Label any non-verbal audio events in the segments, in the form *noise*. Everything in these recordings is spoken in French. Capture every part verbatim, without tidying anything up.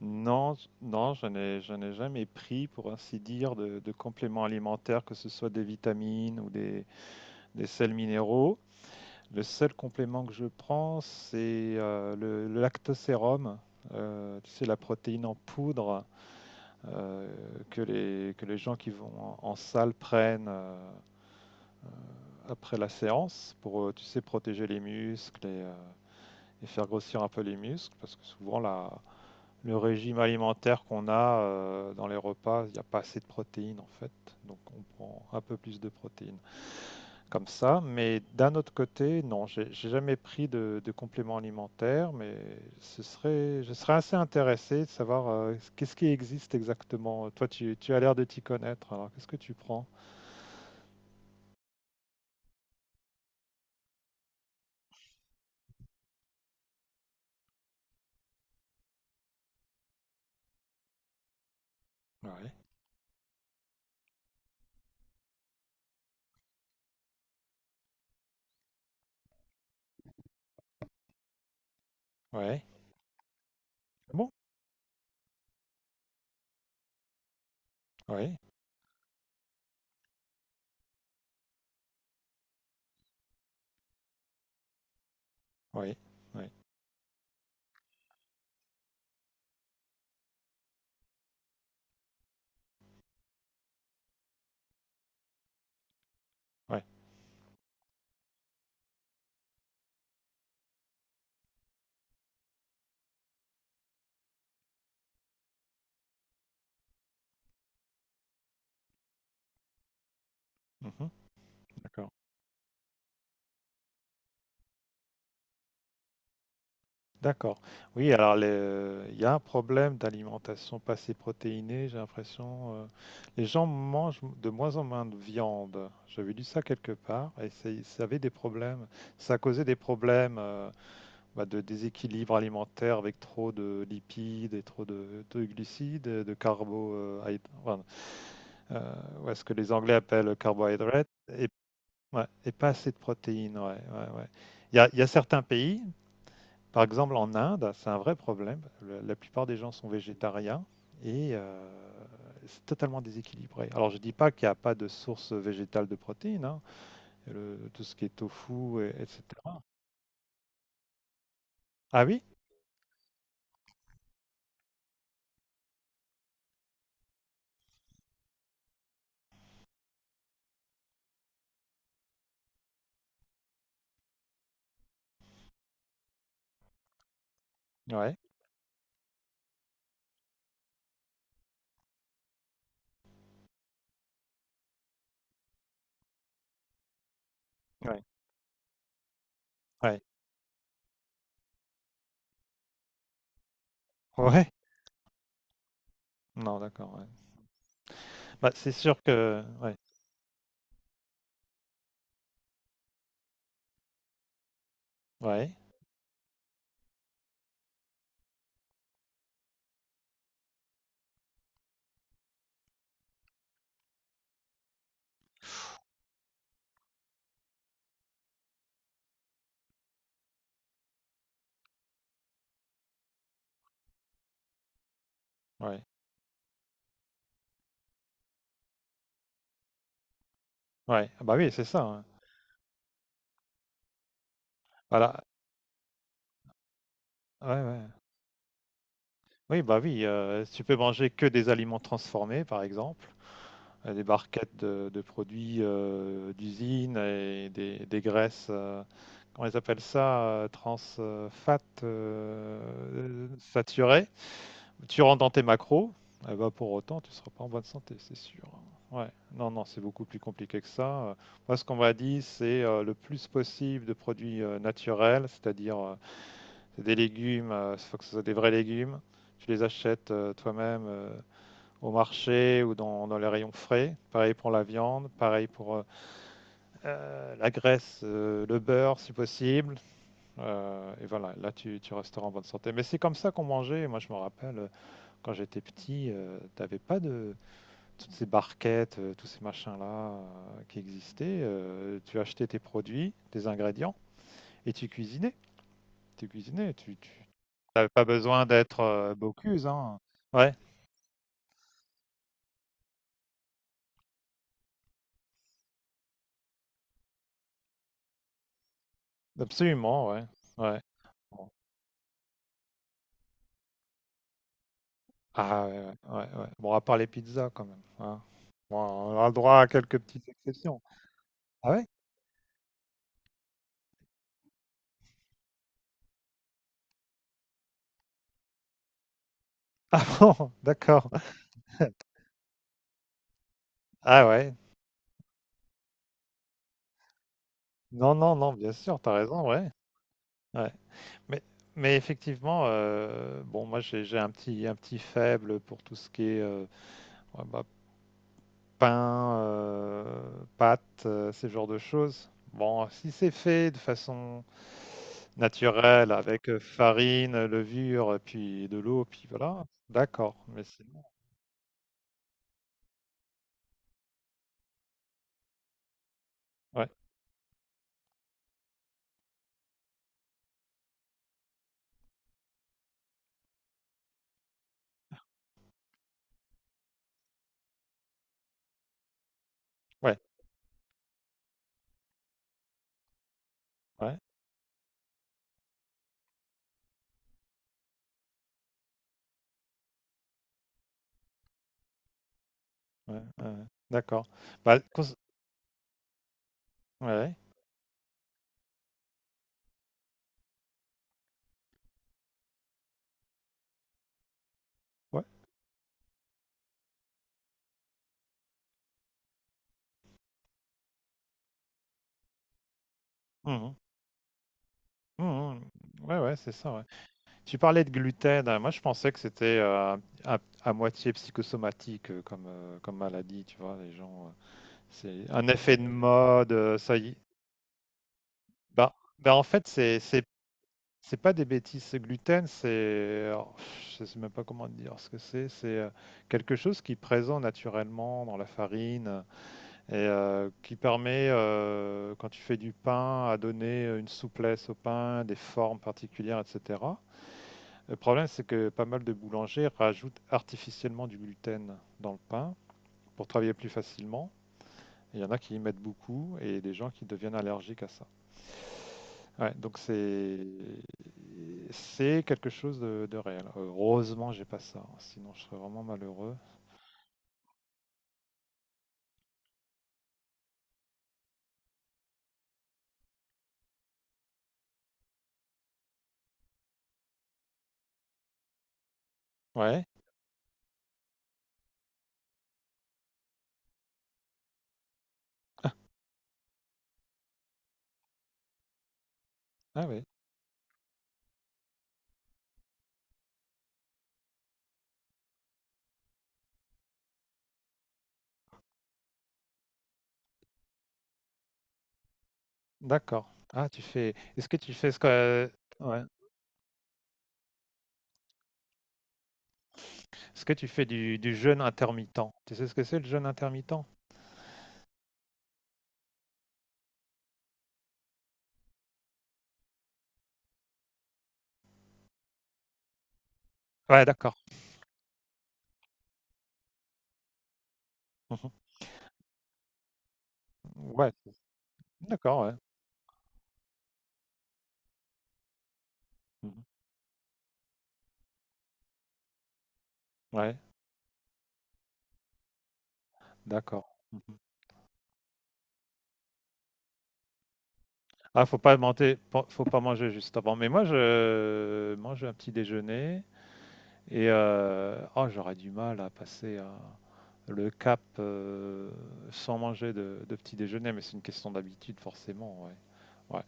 Non, j- non, je n'ai, je n'ai jamais pris, pour ainsi dire, de, de compléments alimentaires, que ce soit des vitamines ou des, des sels minéraux. Le seul complément que je prends, c'est euh, le, le lactosérum, euh, tu sais, la protéine en poudre euh, que les, que les gens qui vont en, en salle prennent euh, après la séance pour, euh, tu sais, protéger les muscles et, euh, et faire grossir un peu les muscles, parce que souvent la, le régime alimentaire qu'on a euh, dans les repas, il n'y a pas assez de protéines en fait. Donc on prend un peu plus de protéines comme ça. Mais d'un autre côté, non, j'ai j'ai jamais pris de, de compléments alimentaires, mais ce serait, je serais assez intéressé de savoir euh, qu'est-ce qui existe exactement. Toi, tu, tu as l'air de t'y connaître, alors qu'est-ce que tu prends? Ouais, ouais. Ah bon? Oui, oui, oui, oui. Mhm, d'accord. D'accord. Oui, alors le- il y a un problème d'alimentation pas assez protéinée, j'ai l'impression. Euh, les gens mangent de moins en moins de viande. J'avais lu ça quelque part et ça, ça avait des problèmes. Ça causait des problèmes euh, bah, de déséquilibre alimentaire avec trop de lipides et trop de, de glucides, de carbo, euh, hyd- enfin, euh, ou est-ce que les Anglais appellent carbohydrates et, ouais, et pas assez de protéines. Ouais, ouais, ouais. Il y a, il y a certains pays. Par exemple, en Inde, c'est un vrai problème. Le- la plupart des gens sont végétariens et euh, c'est totalement déséquilibré. Alors, je dis pas qu'il n'y a pas de source végétale de protéines, hein. Le- tout ce qui est tofu, et- etc. Ah oui? Ouais, ouais, ouais, ouais. Non, d'accord. Ouais. Bah, c'est sûr que, ouais, ouais, ouais, ouais. Ah bah oui, c'est ça, hein. Voilà. Ouais, ouais. Oui, bah oui. Euh, tu peux manger que des aliments transformés, par exemple. Euh, des barquettes de, de produits euh, d'usine et des, des graisses. Euh, on les appelle ça euh, transfat euh, saturé. Tu rentres dans tes macros, eh ben, pour autant, tu ne seras pas en bonne santé, c'est sûr. Ouais, non, non, c'est beaucoup plus compliqué que ça. Euh, Moi, ce qu'on m'a dit, c'est euh, le plus possible de produits euh, naturels, c'est-à-dire euh, des légumes, il faut que ce soit des vrais légumes. Tu les achètes euh, toi-même euh, au marché ou dans, dans les rayons frais. Pareil pour la viande, pareil pour euh, euh, la graisse, euh, le beurre si possible. Euh, et voilà, là tu, tu, resteras en bonne santé. Mais c'est comme ça qu'on mangeait. Moi je me rappelle euh, quand j'étais petit, euh, t'avais pas de toutes ces barquettes, euh, tous ces machins-là euh, qui existaient. Euh, tu achetais tes produits, tes ingrédients et tu cuisinais. Tu cuisinais, tu n'avais tu... pas besoin d'être euh, Bocuse. Hein. Ouais, absolument, ouais. Ouais. Ah ouais, ouais, ouais. Ouais. Bon, à part les pizzas quand même, hein. Bon, on aura le droit à quelques petites exceptions. Ah ouais? Ah bon, *laughs* d'accord. Ah ouais. Non, non, non, bien sûr, t'as raison, ouais. Ouais. Mais, mais effectivement, heu, bon, moi, j'ai j'ai un petit un petit faible pour tout ce qui est, heu, ouais, bah, pain, heu, pâtes, heu, ce genre de choses. Bon, si c'est fait de façon naturelle avec, heu, farine, levure, puis de l'eau, puis voilà, d'accord, mais sinon ouais. Ouais, ouais, ouais, ouais, ouais. D'accord. Bah, cons- ouais, ouais, Mhm. Mhm. Ouais, ouais, c'est ça. Ouais. Tu parlais de gluten. euh, Moi, je pensais que c'était euh, à, à moitié psychosomatique euh, comme, euh, comme maladie. Tu vois, les gens, euh, c'est un effet de mode. Euh, ça y est. Bah, bah, en fait, c'est c'est c'est pas des bêtises. Ce gluten, c'est, alors, je sais même pas comment dire ce que c'est. C'est euh, quelque chose qui est présent naturellement dans la farine. Et euh, qui permet, euh, quand tu fais du pain, à donner une souplesse au pain, des formes particulières, et cetera. Le problème, c'est que pas mal de boulangers rajoutent artificiellement du gluten dans le pain pour travailler plus facilement. Il y en a qui y mettent beaucoup et des gens qui deviennent allergiques à ça. Ouais, donc c'est c'est quelque chose de, de réel. Heureusement, j'ai pas ça, hein, sinon je serais vraiment malheureux. Ouais. Ah, ah ouais. D'accord. Ah, tu fais. Est-ce que tu fais ce que. Ouais. Est-ce que tu fais du du jeûne intermittent? Tu sais ce que c'est le jeûne intermittent? Ouais, d'accord. Mmh. Ouais, d'accord, ouais. Mmh. Ouais, d'accord. Mmh. Ah, faut pas manter pan faut pas manger juste avant. Mais moi, je mange un petit déjeuner et heu, oh, j'aurais du mal à passer à le cap, heu, sans manger de de petit déjeuner, mais c'est une question d'habitude forcément, ouais. Ouais.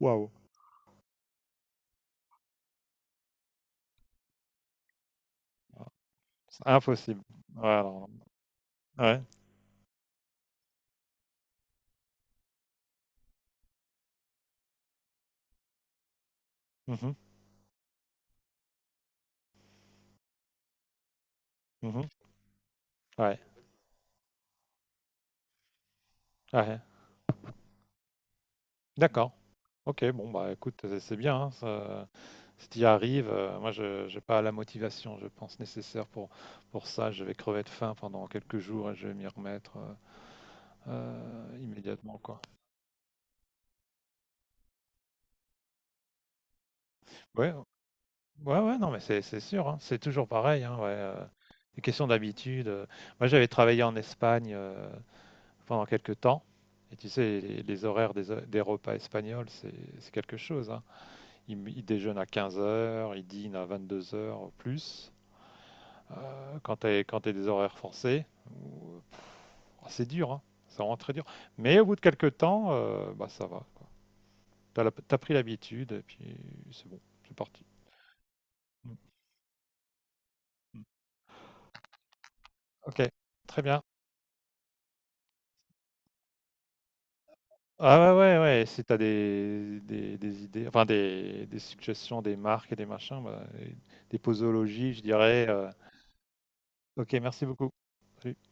Waouh! Ah, c'est impossible. Ouais, ouais. Mhm. Mhm. Ouais, ouais. D'accord. Ok, bon, bah écoute, c'est c'est bien, hein, ça- si tu y arrives, euh, moi, je j'ai pas la motivation, je pense, nécessaire pour, pour ça. Je vais crever de faim pendant quelques jours et je vais m'y remettre euh, euh, immédiatement, quoi. Ouais, ouais, ouais, non, mais c'est c'est sûr, hein, c'est toujours pareil. Hein, ouais, euh, les questions d'habitude. euh. Moi, j'avais travaillé en Espagne euh, pendant quelques temps. Et tu sais, les, les horaires des, des repas espagnols, c'est c'est quelque chose, hein. Ils, ils déjeunent à quinze heures, ils dînent à vingt-deux heures plus. Euh, quand tu as, des horaires forcés. C'est dur, hein. C'est vraiment très dur. Mais au bout de quelques temps, euh, bah, ça va. Tu as, pris l'habitude et puis c'est bon, c'est parti. Ok, très bien. Ah ouais, ouais, ouais, si t'as des, des, des, idées, enfin des, des suggestions, des marques et des machins, bah, et des posologies, je dirais. Euh, ok, merci beaucoup. Salut.